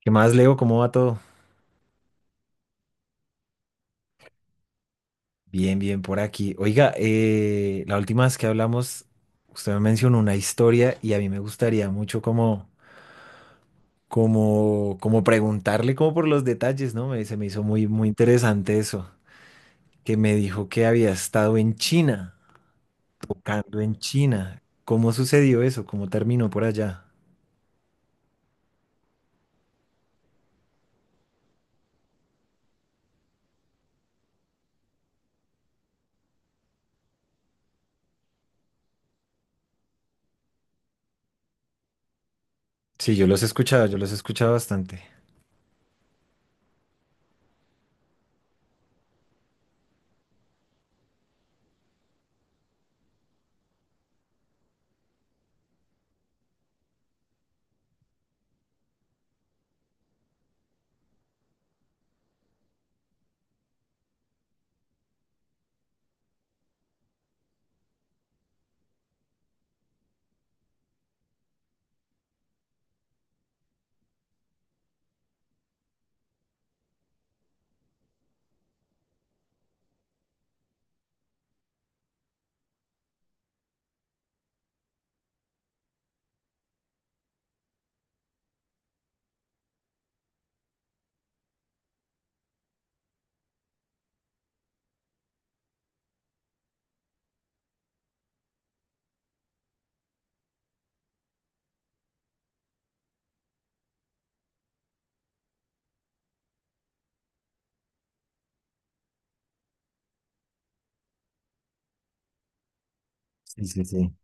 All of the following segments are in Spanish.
¿Qué más, Leo? ¿Cómo va todo? Bien, bien, por aquí. Oiga, la última vez que hablamos, usted me mencionó una historia y a mí me gustaría mucho como preguntarle como por los detalles, ¿no? Se me hizo muy interesante eso, que me dijo que había estado en China, tocando en China. ¿Cómo sucedió eso? ¿Cómo terminó por allá? Sí, yo los he escuchado, yo los he escuchado bastante. Sí, sí, sí.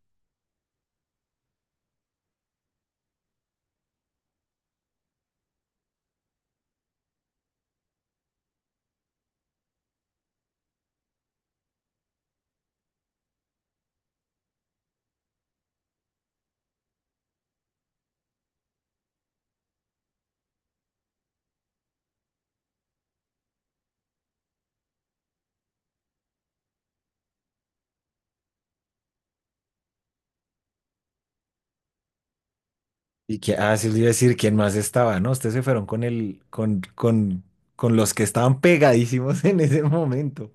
Y que, ah, sí, le iba a decir quién más estaba, ¿no? Ustedes se fueron con con los que estaban pegadísimos en ese momento.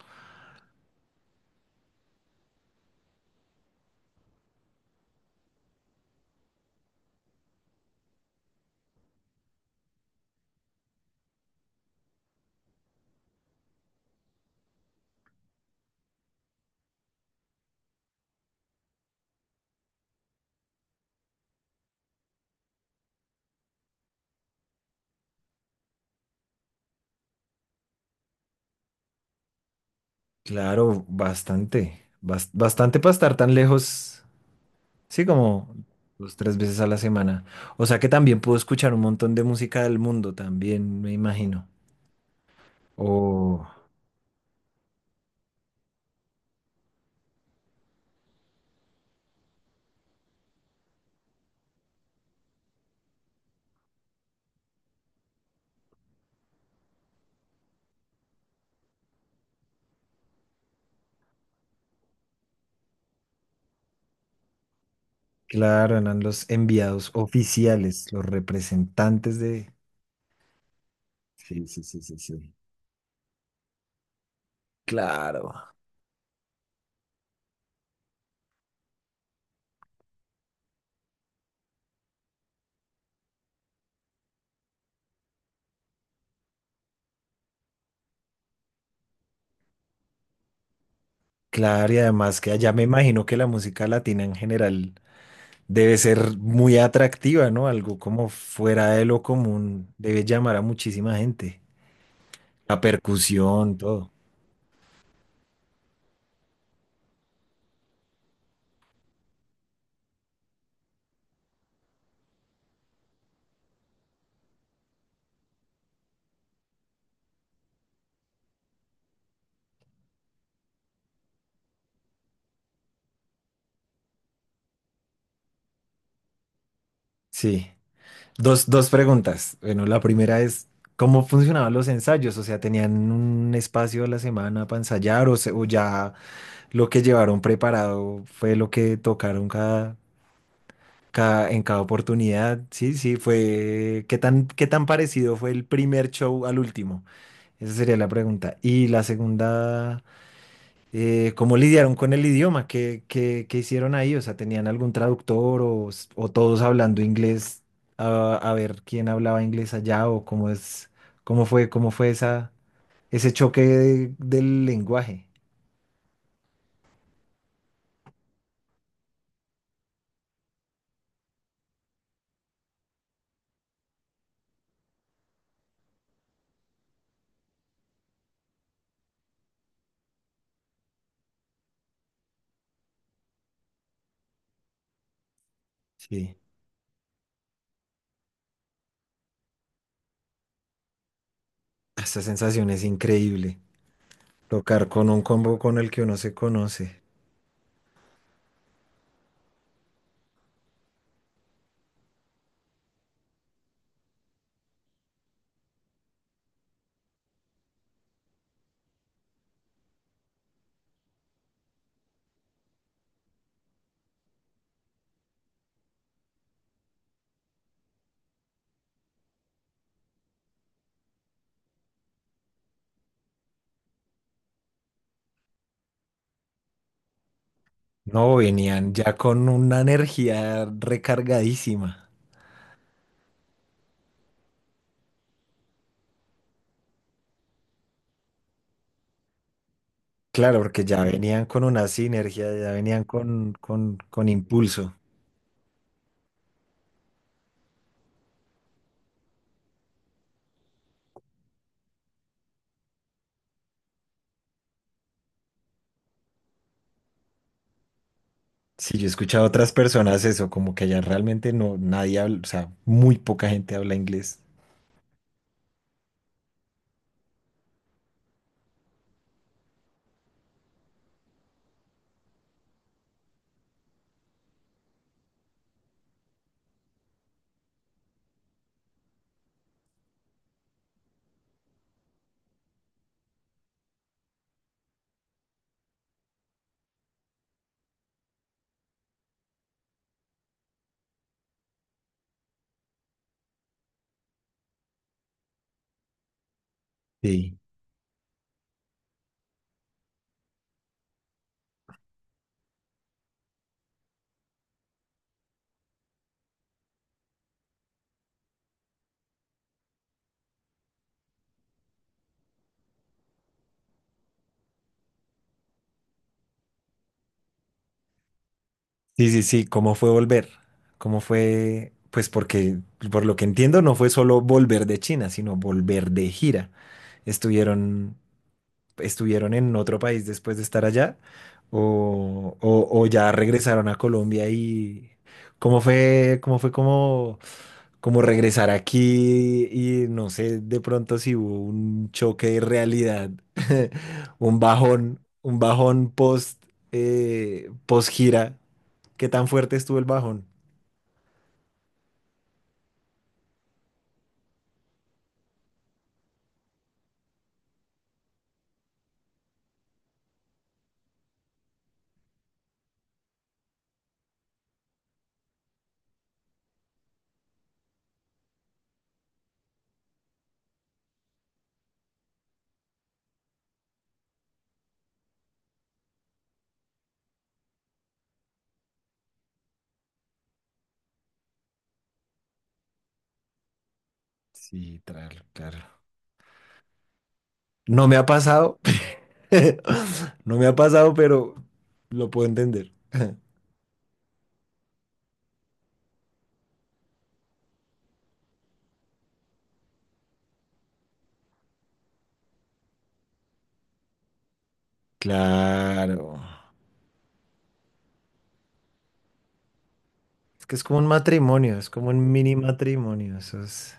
Claro, bastante, bastante para estar tan lejos, sí, como dos, tres veces a la semana. O sea que también pudo escuchar un montón de música del mundo, también, me imagino. O, claro, eran los enviados oficiales, los representantes de... Sí, sí, sí, sí, sí. Claro. Claro, y además que allá me imagino que la música latina en general debe ser muy atractiva, ¿no? Algo como fuera de lo común, debe llamar a muchísima gente. La percusión, todo. Sí. Dos, dos preguntas. Bueno, la primera es, ¿cómo funcionaban los ensayos? O sea, ¿tenían un espacio a la semana para ensayar o ya lo que llevaron preparado fue lo que tocaron en cada oportunidad? Sí, sí, fue... qué tan parecido fue el primer show al último? Esa sería la pregunta. Y la segunda... ¿cómo lidiaron con el idioma? Qué hicieron ahí? O sea, ¿tenían algún traductor o todos hablando inglés a ver quién hablaba inglés allá cómo fue esa, ese del lenguaje? Sí, esa sensación es increíble. Tocar con un combo con el que uno se conoce. No, venían ya con una energía recargadísima. Claro, porque ya venían con una sinergia, ya venían con, impulso. Sí, yo he escuchado a otras personas eso, como que allá realmente no, nadie habla, o sea, muy poca gente habla inglés. Sí. Sí, sí, sí, ¿cómo fue volver? ¿Cómo fue? Pues porque, por lo que entiendo, no fue solo volver de China, sino volver de gira. Estuvieron estuvieron en otro país después de estar allá o ya regresaron a Colombia y cómo fue como, como regresar aquí y no sé de pronto si hubo un choque de realidad, un bajón post, post gira. ¿Qué tan fuerte estuvo el bajón? Sí, claro, claro. No me ha pasado, no me ha pasado, pero lo puedo entender. Claro. Es que es como un matrimonio, es como un mini matrimonio. Eso es...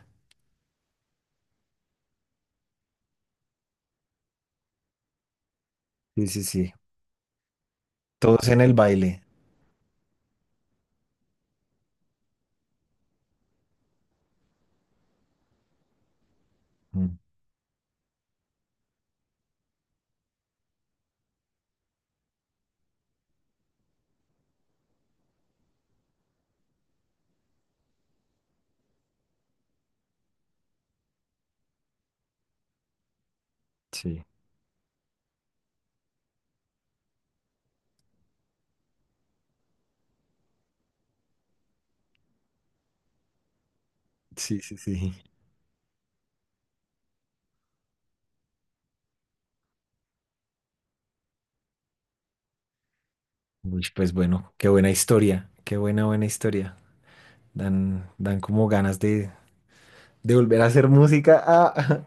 Sí, sí, sí. Todos en el baile. Mm. Sí, sí, sí, sí. Uy, pues bueno, qué buena historia, qué buena, buena historia. Dan, dan como ganas de volver a hacer música, ah,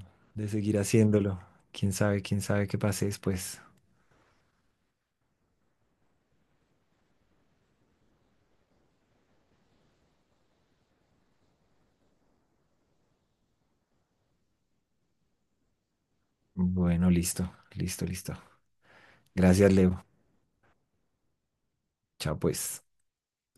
de seguir haciéndolo. Quién sabe qué pase después. Bueno, listo, listo, listo. Gracias, Leo. Chao, pues.